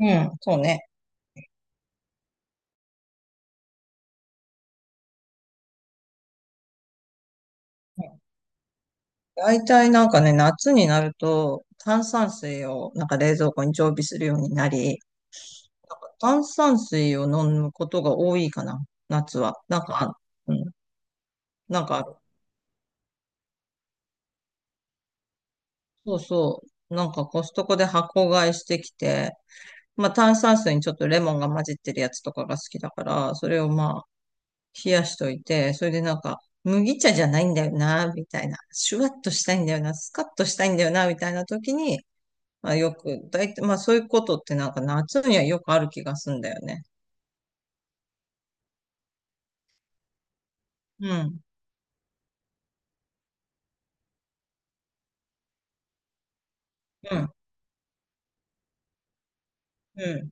うん、そうね。うん大体ね、夏になると炭酸水を冷蔵庫に常備するようになり、炭酸水を飲むことが多いかな、夏は。うん、なんかある。そうそう。コストコで箱買いしてきて、まあ炭酸水にちょっとレモンが混じってるやつとかが好きだから、それをまあ冷やしといて、それで麦茶じゃないんだよな、みたいな。シュワッとしたいんだよな、スカッとしたいんだよな、みたいな時に、まあ、よく、だいたい、まあそういうことって夏にはよくある気がすんだよね。うん、うん、うん、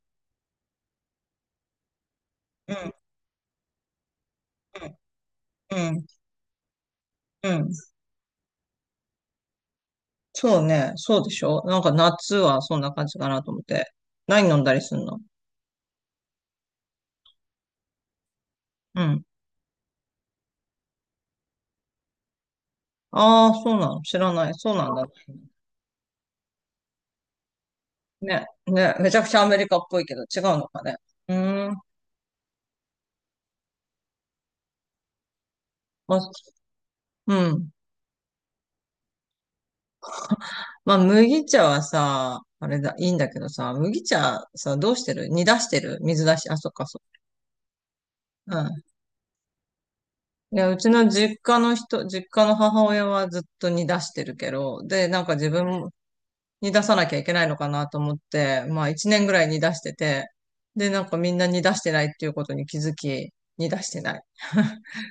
うん、うん、うん。うん、そうね、そうでしょ、なんか夏はそんな感じかなと思って。何飲んだりすんの？うん。ああ、そうなの？知らない。そうなんだ。ね、ね、めちゃくちゃアメリカっぽいけど違うのかね。うーん、まあ、うん。まあ麦茶はさ、あれだ、いいんだけどさ、麦茶さ、どうしてる？煮出してる？水出し？あ、そっか、そっか。いや、うちの実家の人、実家の母親はずっと煮出してるけど、で、自分も煮出さなきゃいけないのかなと思って、まあ一年ぐらい煮出してて、で、みんな煮出してないっていうことに気づき、煮出してない。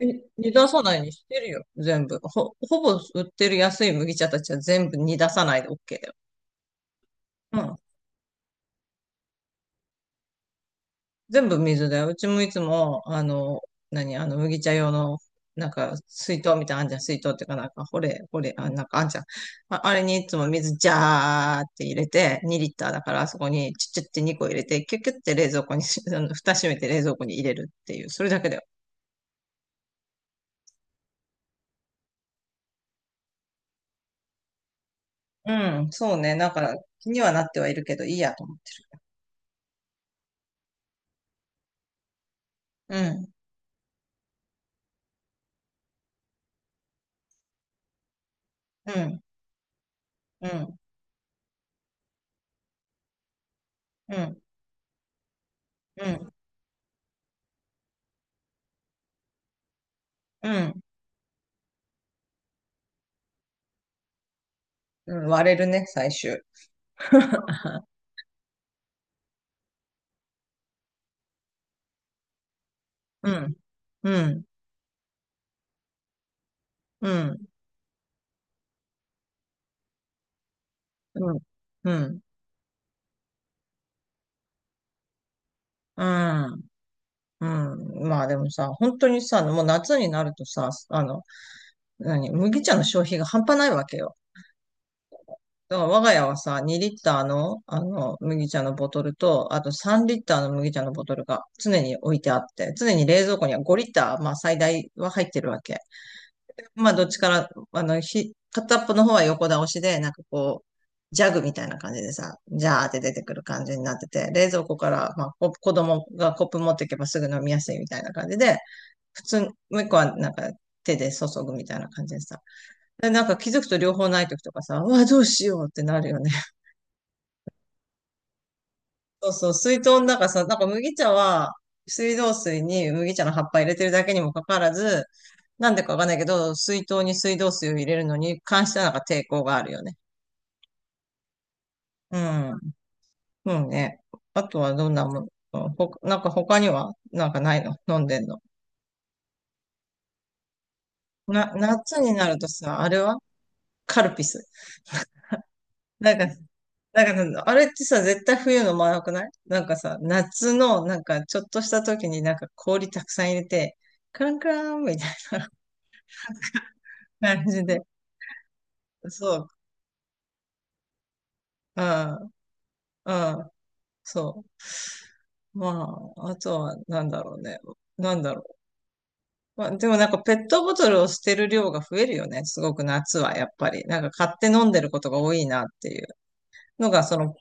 え煮出さないにしてるよ、全部。ほぼ売ってる安い麦茶たちは全部煮出さないで OK だよ。全部水で、うちもいつも、何、麦茶用の、水筒みたいなのあんじゃん、水筒っていうか、ほれ、ほれ、あ、なんかあんじゃん。あ、あれにいつも水ジャーって入れて、2リッターだから、あそこにちっちゃって2個入れて、キュッキュッて冷蔵庫にし、あの蓋閉めて冷蔵庫に入れるっていう、それだけだよ。うん、そうね、気にはなってはいるけど、いいやと思ってる。うん、うん、うん、うん、うん、うん、うん、割れるね、最終。うん、うん、うん、うん。うん。うん。うん。うん。まあでもさ、本当にさ、もう夏になるとさ、何、麦茶の消費が半端ないわけよ。だから我が家はさ、2リッターの、あの、麦茶のボトルと、あと3リッターの麦茶のボトルが常に置いてあって、常に冷蔵庫には5リッター、まあ最大は入ってるわけ。まあ、どっちから、あの、片っぽの方は横倒しで、こう、ジャグみたいな感じでさ、ジャーって出てくる感じになってて、冷蔵庫から、まあ、子供がコップ持っていけばすぐ飲みやすいみたいな感じで、普通、もう一個はなんか手で注ぐみたいな感じでさ。で、気づくと両方ない時とかさ、うわ、どうしようってなるよね。そうそう、水筒の中さ、麦茶は、水道水に麦茶の葉っぱ入れてるだけにもかかわらず、なんでかわかんないけど、水筒に水道水を入れるのに関してはなんか抵抗があるよね。うん。うんね。あとはどんなもの、ほか、他にはなんかないの？飲んでんの？な、夏になるとさ、あれはカルピス。なんか、あれってさ、絶対冬飲まなくない？なんかさ、夏の、ちょっとした時に氷たくさん入れて、カランカランみたいな。感じで。そう、うん、うん、そう。まあ、あとは、なんだろうね。なんだろう。まあ、でもペットボトルを捨てる量が増えるよね。すごく夏は、やっぱり。買って飲んでることが多いなっていうのが、その、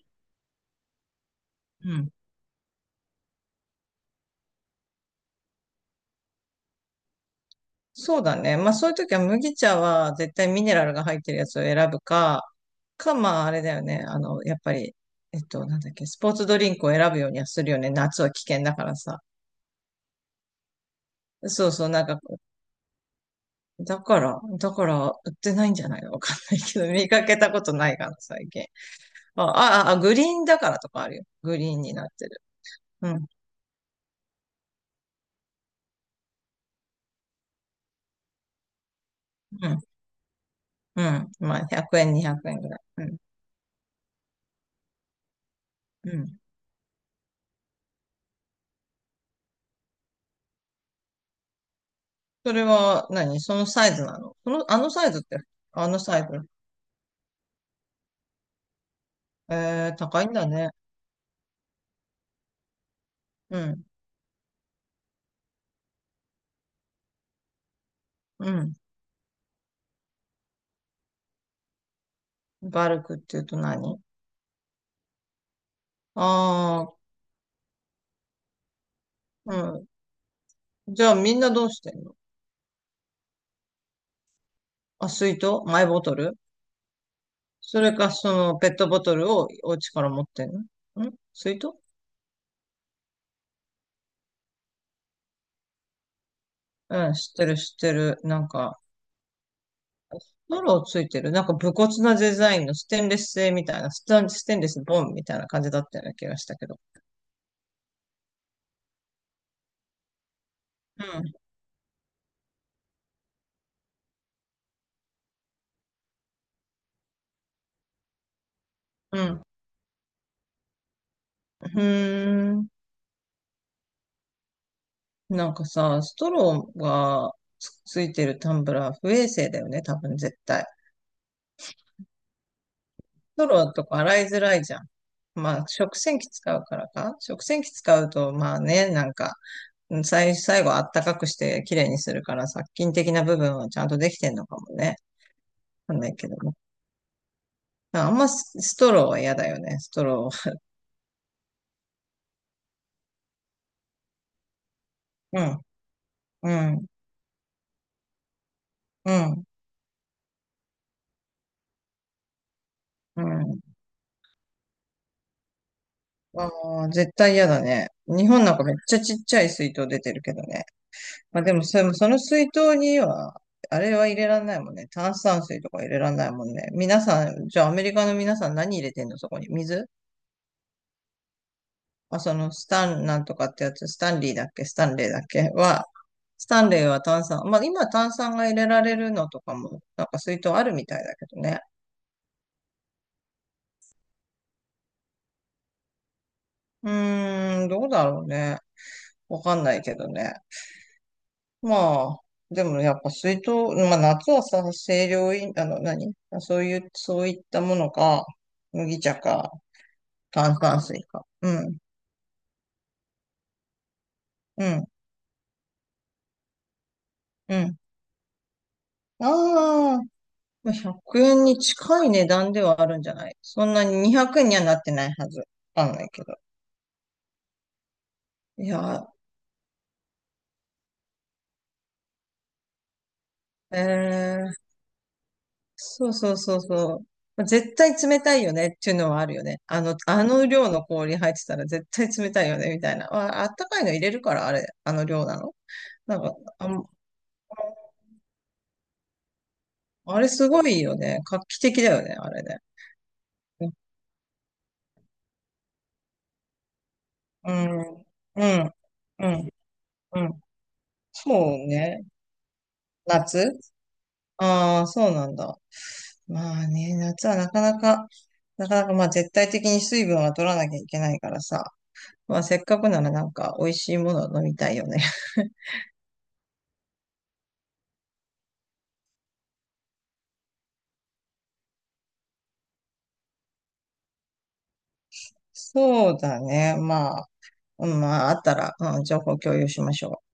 うん。そうだね。まあそういう時は麦茶は絶対ミネラルが入ってるやつを選ぶか、まああれだよね。あの、やっぱり、えっと、なんだっけ、スポーツドリンクを選ぶようにはするよね。夏は危険だからさ。そうそう、だから、売ってないんじゃないの？わかんないけど、見かけたことないかな、最近。あ、グリーンだからとかあるよ。グリーンになってる。うん、うん、うん。まあ、100円、200円ぐらい。うん、うん。それは何、そのサイズなの？その、あのサイズって、あのサイズ。えー、高いんだね。うん、うん。バルクって言うと何？ああー、うん。じゃあみんなどうしてんの？あ、水筒？マイボトル？それか、その、ペットボトルをお家から持ってんの？ん、水筒？うん、知ってる、知ってる。なんか、ロついてる。なんか、武骨なデザインのステンレス製みたいな、ステンレスボンみたいな感じだったような気がしたけど。うん、うん。うーん。なんかさ、ストローがついてるタンブラー不衛生だよね、多分絶対。ストローとか洗いづらいじゃん。まあ、食洗機使うからか。食洗機使うと、まあね、なんか、うん、最後あったかくして綺麗にするから、殺菌的な部分はちゃんとできてんのかもね。わかんないけども、ス、ストローは嫌だよね、ストロー。うん、うん、うん、うん。ああ、絶対嫌だね。日本なんかめっちゃちっちゃい水筒出てるけどね。まあでもそれもその水筒には、あれは入れらんないもんね。炭酸水とか入れらんないもんね。皆さん、じゃあアメリカの皆さん何入れてんのそこに。水？あ、そのスタンなんとかってやつ、スタンリーだっけ？スタンレーだっけ？は、スタンレーは炭酸。まあ今炭酸が入れられるのとかも、なんか水筒あるみたいだけどね。うーん、どうだろうね。わかんないけどね。まあ、でもやっぱ水筒、まあ夏はさ、清涼飲、あの何、そういう、そういったものか、麦茶か、炭酸水か。うん、うん、うん。ああ、まあ100円に近い値段ではあるんじゃない？そんなに200円にはなってないはず。わかんないけど。いや、えー、そうそうそうそう。絶対冷たいよねっていうのはあるよね。あの、あの量の氷入ってたら絶対冷たいよねみたいな。まあ、あったかいの入れるからあれ、あの量なの？なんか、あ、あれすごいよね。画期的だよね、あれね。うん、うん、うん、うん。そうね。夏、ああー、そうなんだ。まあね、夏はなかなか、なかなかまあ絶対的に水分は取らなきゃいけないからさ。まあせっかくならなんか美味しいものを飲みたいよね。そうだね。まあ、うん、まあ、あったら、うん、情報共有しましょう。